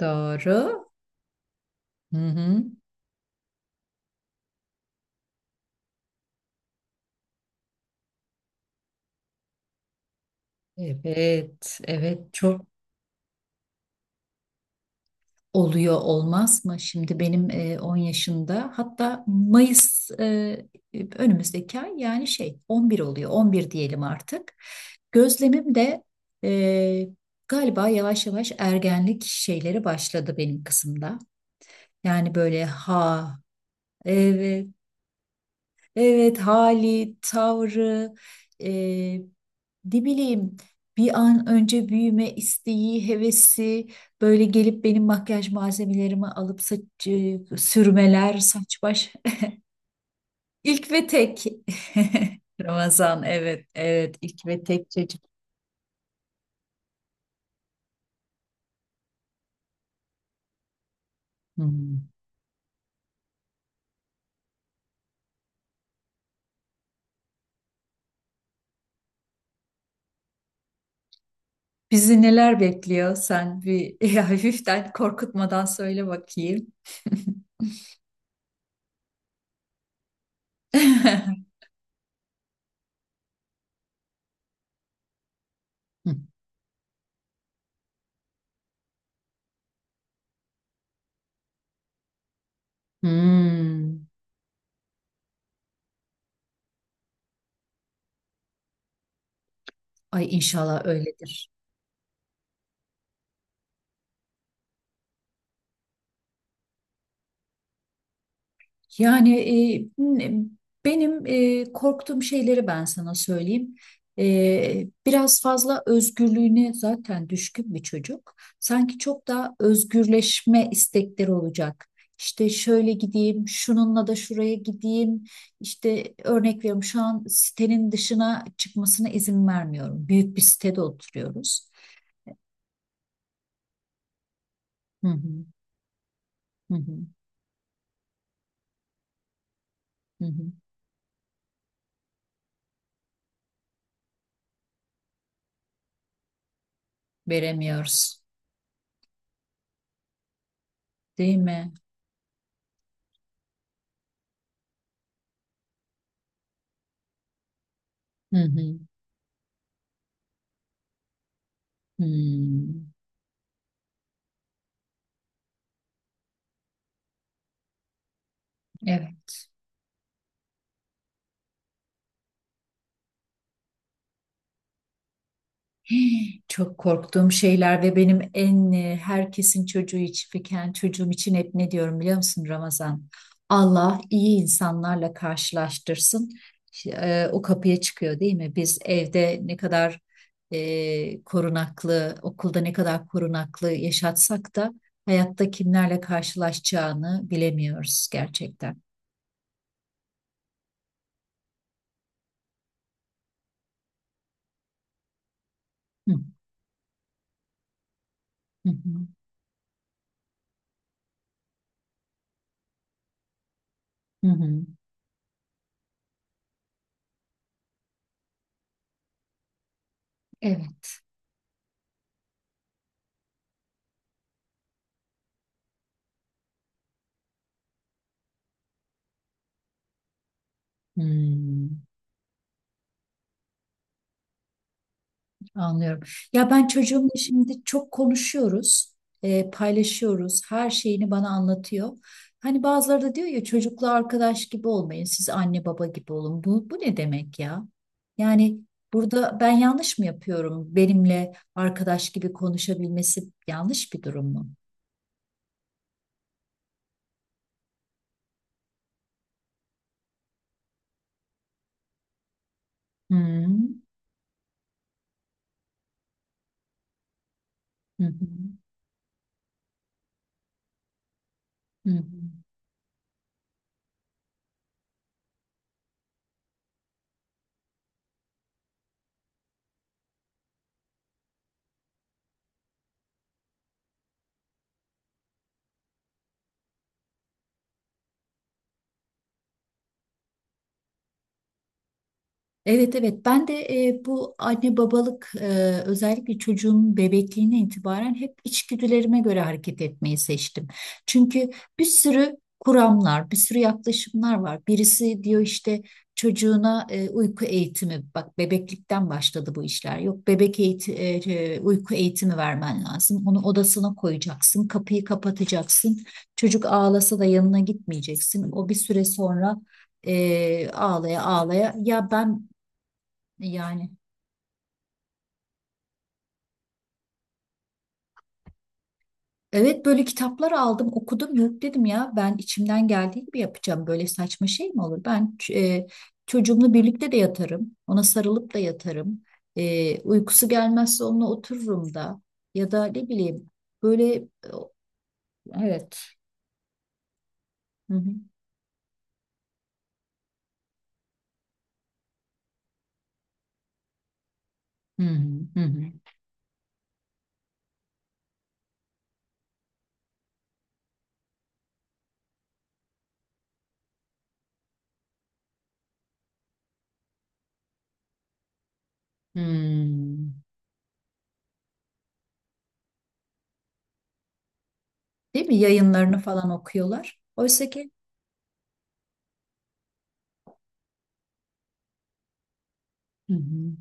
Doğru. Hı hı. Evet, evet çok oluyor olmaz mı? Şimdi benim 10 yaşında, hatta Mayıs, önümüzdeki ay, yani şey 11 oluyor, 11 diyelim artık. Gözlemim de e, galiba yavaş yavaş ergenlik şeyleri başladı benim kızımda. Yani böyle ha, evet. Evet, hali, tavrı, e, ne bileyim, bir an önce büyüme isteği, hevesi, böyle gelip benim makyaj malzemelerimi alıp saç, sürmeler, saç baş. İlk ve tek. Ramazan, evet evet, ilk ve tek çocuk. Hmm. Bizi neler bekliyor? Sen bir hafiften korkutmadan söyle bakayım. Hmm. Ay inşallah öyledir. Yani e, benim korktuğum şeyleri ben sana söyleyeyim. Biraz fazla özgürlüğüne zaten düşkün bir çocuk. Sanki çok daha özgürleşme istekleri olacak. İşte şöyle gideyim, şununla da şuraya gideyim. İşte örnek veriyorum, şu an sitenin dışına çıkmasına izin vermiyorum. Büyük bir sitede oturuyoruz. Hı hı, hı hı, hı hı. Veremiyoruz, değil mi? Hı hı. Hmm. Evet. Çok korktuğum şeyler ve benim en herkesin çocuğu için, fiken çocuğum için hep ne diyorum biliyor musun Ramazan? Allah iyi insanlarla karşılaştırsın. O kapıya çıkıyor, değil mi? Biz evde ne kadar korunaklı, okulda ne kadar korunaklı yaşatsak da hayatta kimlerle karşılaşacağını bilemiyoruz gerçekten. Hı, hı, hı, hı, hı. Evet. Hmm. Anlıyorum. Ya ben çocuğumla şimdi çok konuşuyoruz, paylaşıyoruz, her şeyini bana anlatıyor. Hani bazıları da diyor ya çocukla arkadaş gibi olmayın, siz anne baba gibi olun. Bu ne demek ya? Yani burada ben yanlış mı yapıyorum? Benimle arkadaş gibi konuşabilmesi yanlış bir durum mu? Hı hı, hı hı, hı hı. Evet evet, ben de bu anne babalık, özellikle çocuğumun bebekliğine itibaren hep içgüdülerime göre hareket etmeyi seçtim. Çünkü bir sürü kuramlar, bir sürü yaklaşımlar var. Birisi diyor işte çocuğuna uyku eğitimi, bak bebeklikten başladı bu işler. Yok bebek eğiti, e, e, uyku eğitimi vermen lazım. Onu odasına koyacaksın, kapıyı kapatacaksın. Çocuk ağlasa da yanına gitmeyeceksin. O bir süre sonra ağlaya ağlaya ya ben yani. Evet, böyle kitaplar aldım okudum, yok dedim ya ben içimden geldiği gibi yapacağım, böyle saçma şey mi olur? Ben çocuğumla birlikte de yatarım, ona sarılıp da yatarım. Uykusu gelmezse onunla otururum da, ya da ne bileyim, böyle evet. Hı hı. Hı hı. Hı hı. Hmm. Değil mi, yayınlarını falan okuyorlar. Oysa ki. Hı hı.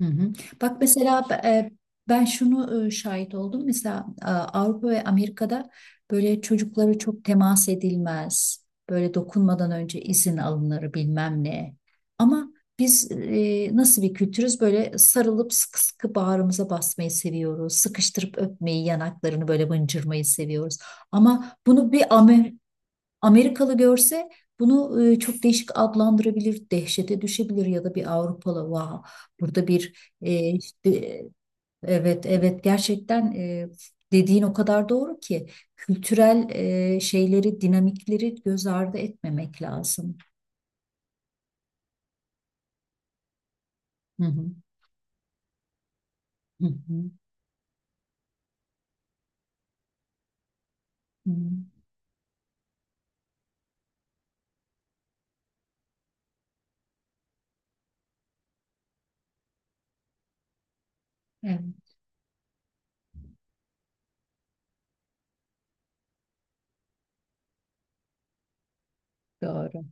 Hı hı. Bak mesela ben şunu şahit oldum. Mesela Avrupa ve Amerika'da böyle çocuklara çok temas edilmez. Böyle dokunmadan önce izin alınır bilmem ne. Ama biz nasıl bir kültürüz? Böyle sarılıp sıkı sıkı bağrımıza basmayı seviyoruz. Sıkıştırıp öpmeyi, yanaklarını böyle mıncırmayı seviyoruz. Ama bunu bir Amerikalı görse, bunu çok değişik adlandırabilir, dehşete düşebilir, ya da bir Avrupalı, vah burada bir işte evet evet, gerçekten dediğin o kadar doğru ki kültürel şeyleri, dinamikleri göz ardı etmemek lazım. Hı hı, hı hı, hı hı. Evet, doğru.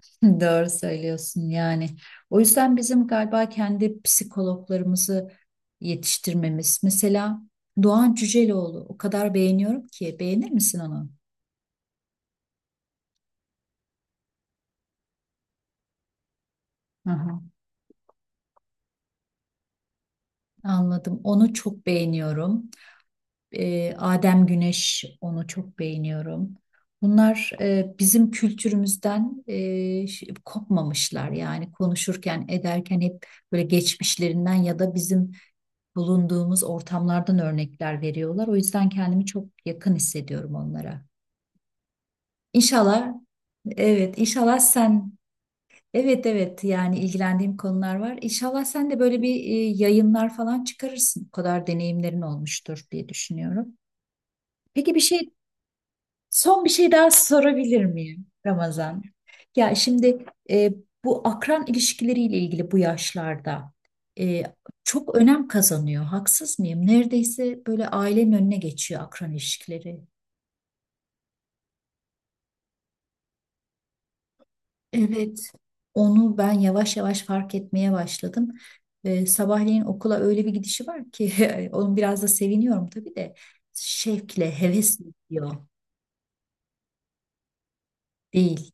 Doğru söylüyorsun yani. O yüzden bizim galiba kendi psikologlarımızı yetiştirmemiz. Mesela Doğan Cüceloğlu, o kadar beğeniyorum ki. Beğenir misin onu? Aha. Anladım. Onu çok beğeniyorum. Adem Güneş, onu çok beğeniyorum. Bunlar bizim kültürümüzden kopmamışlar. Yani konuşurken ederken hep böyle geçmişlerinden ya da bizim bulunduğumuz ortamlardan örnekler veriyorlar. O yüzden kendimi çok yakın hissediyorum onlara. İnşallah, evet, inşallah sen, evet evet, yani ilgilendiğim konular var. İnşallah sen de böyle bir yayınlar falan çıkarırsın. O kadar deneyimlerin olmuştur diye düşünüyorum. Peki bir şey Son bir şey daha sorabilir miyim Ramazan? Ya şimdi bu akran ilişkileriyle ilgili bu yaşlarda e, çok önem kazanıyor. Haksız mıyım? Neredeyse böyle ailenin önüne geçiyor akran ilişkileri. Evet. Onu ben yavaş yavaş fark etmeye başladım. Sabahleyin okula öyle bir gidişi var ki onun biraz da seviniyorum tabii de, şevkle, hevesle gidiyor değil.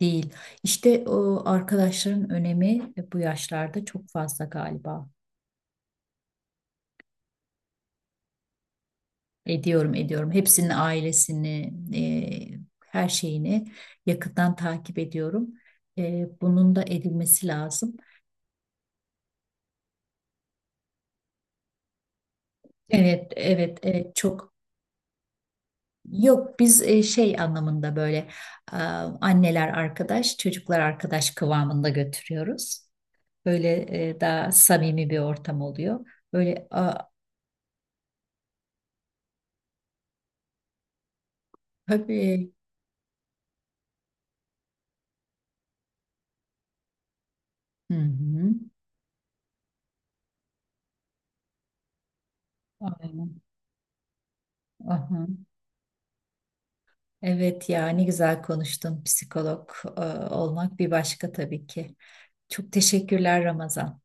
Değil. İşte o arkadaşların önemi bu yaşlarda çok fazla galiba. Ediyorum, ediyorum. Hepsinin ailesini, e, her şeyini yakından takip ediyorum. Bunun da edilmesi lazım. Evet, evet, evet. Çok. Yok, biz şey anlamında böyle e, anneler arkadaş, çocuklar arkadaş kıvamında götürüyoruz. Böyle daha samimi bir ortam oluyor. Böyle tabii. Hı hı. Aynen. Aha. Evet ya, ne güzel konuştun. Psikolog olmak bir başka tabii ki. Çok teşekkürler Ramazan.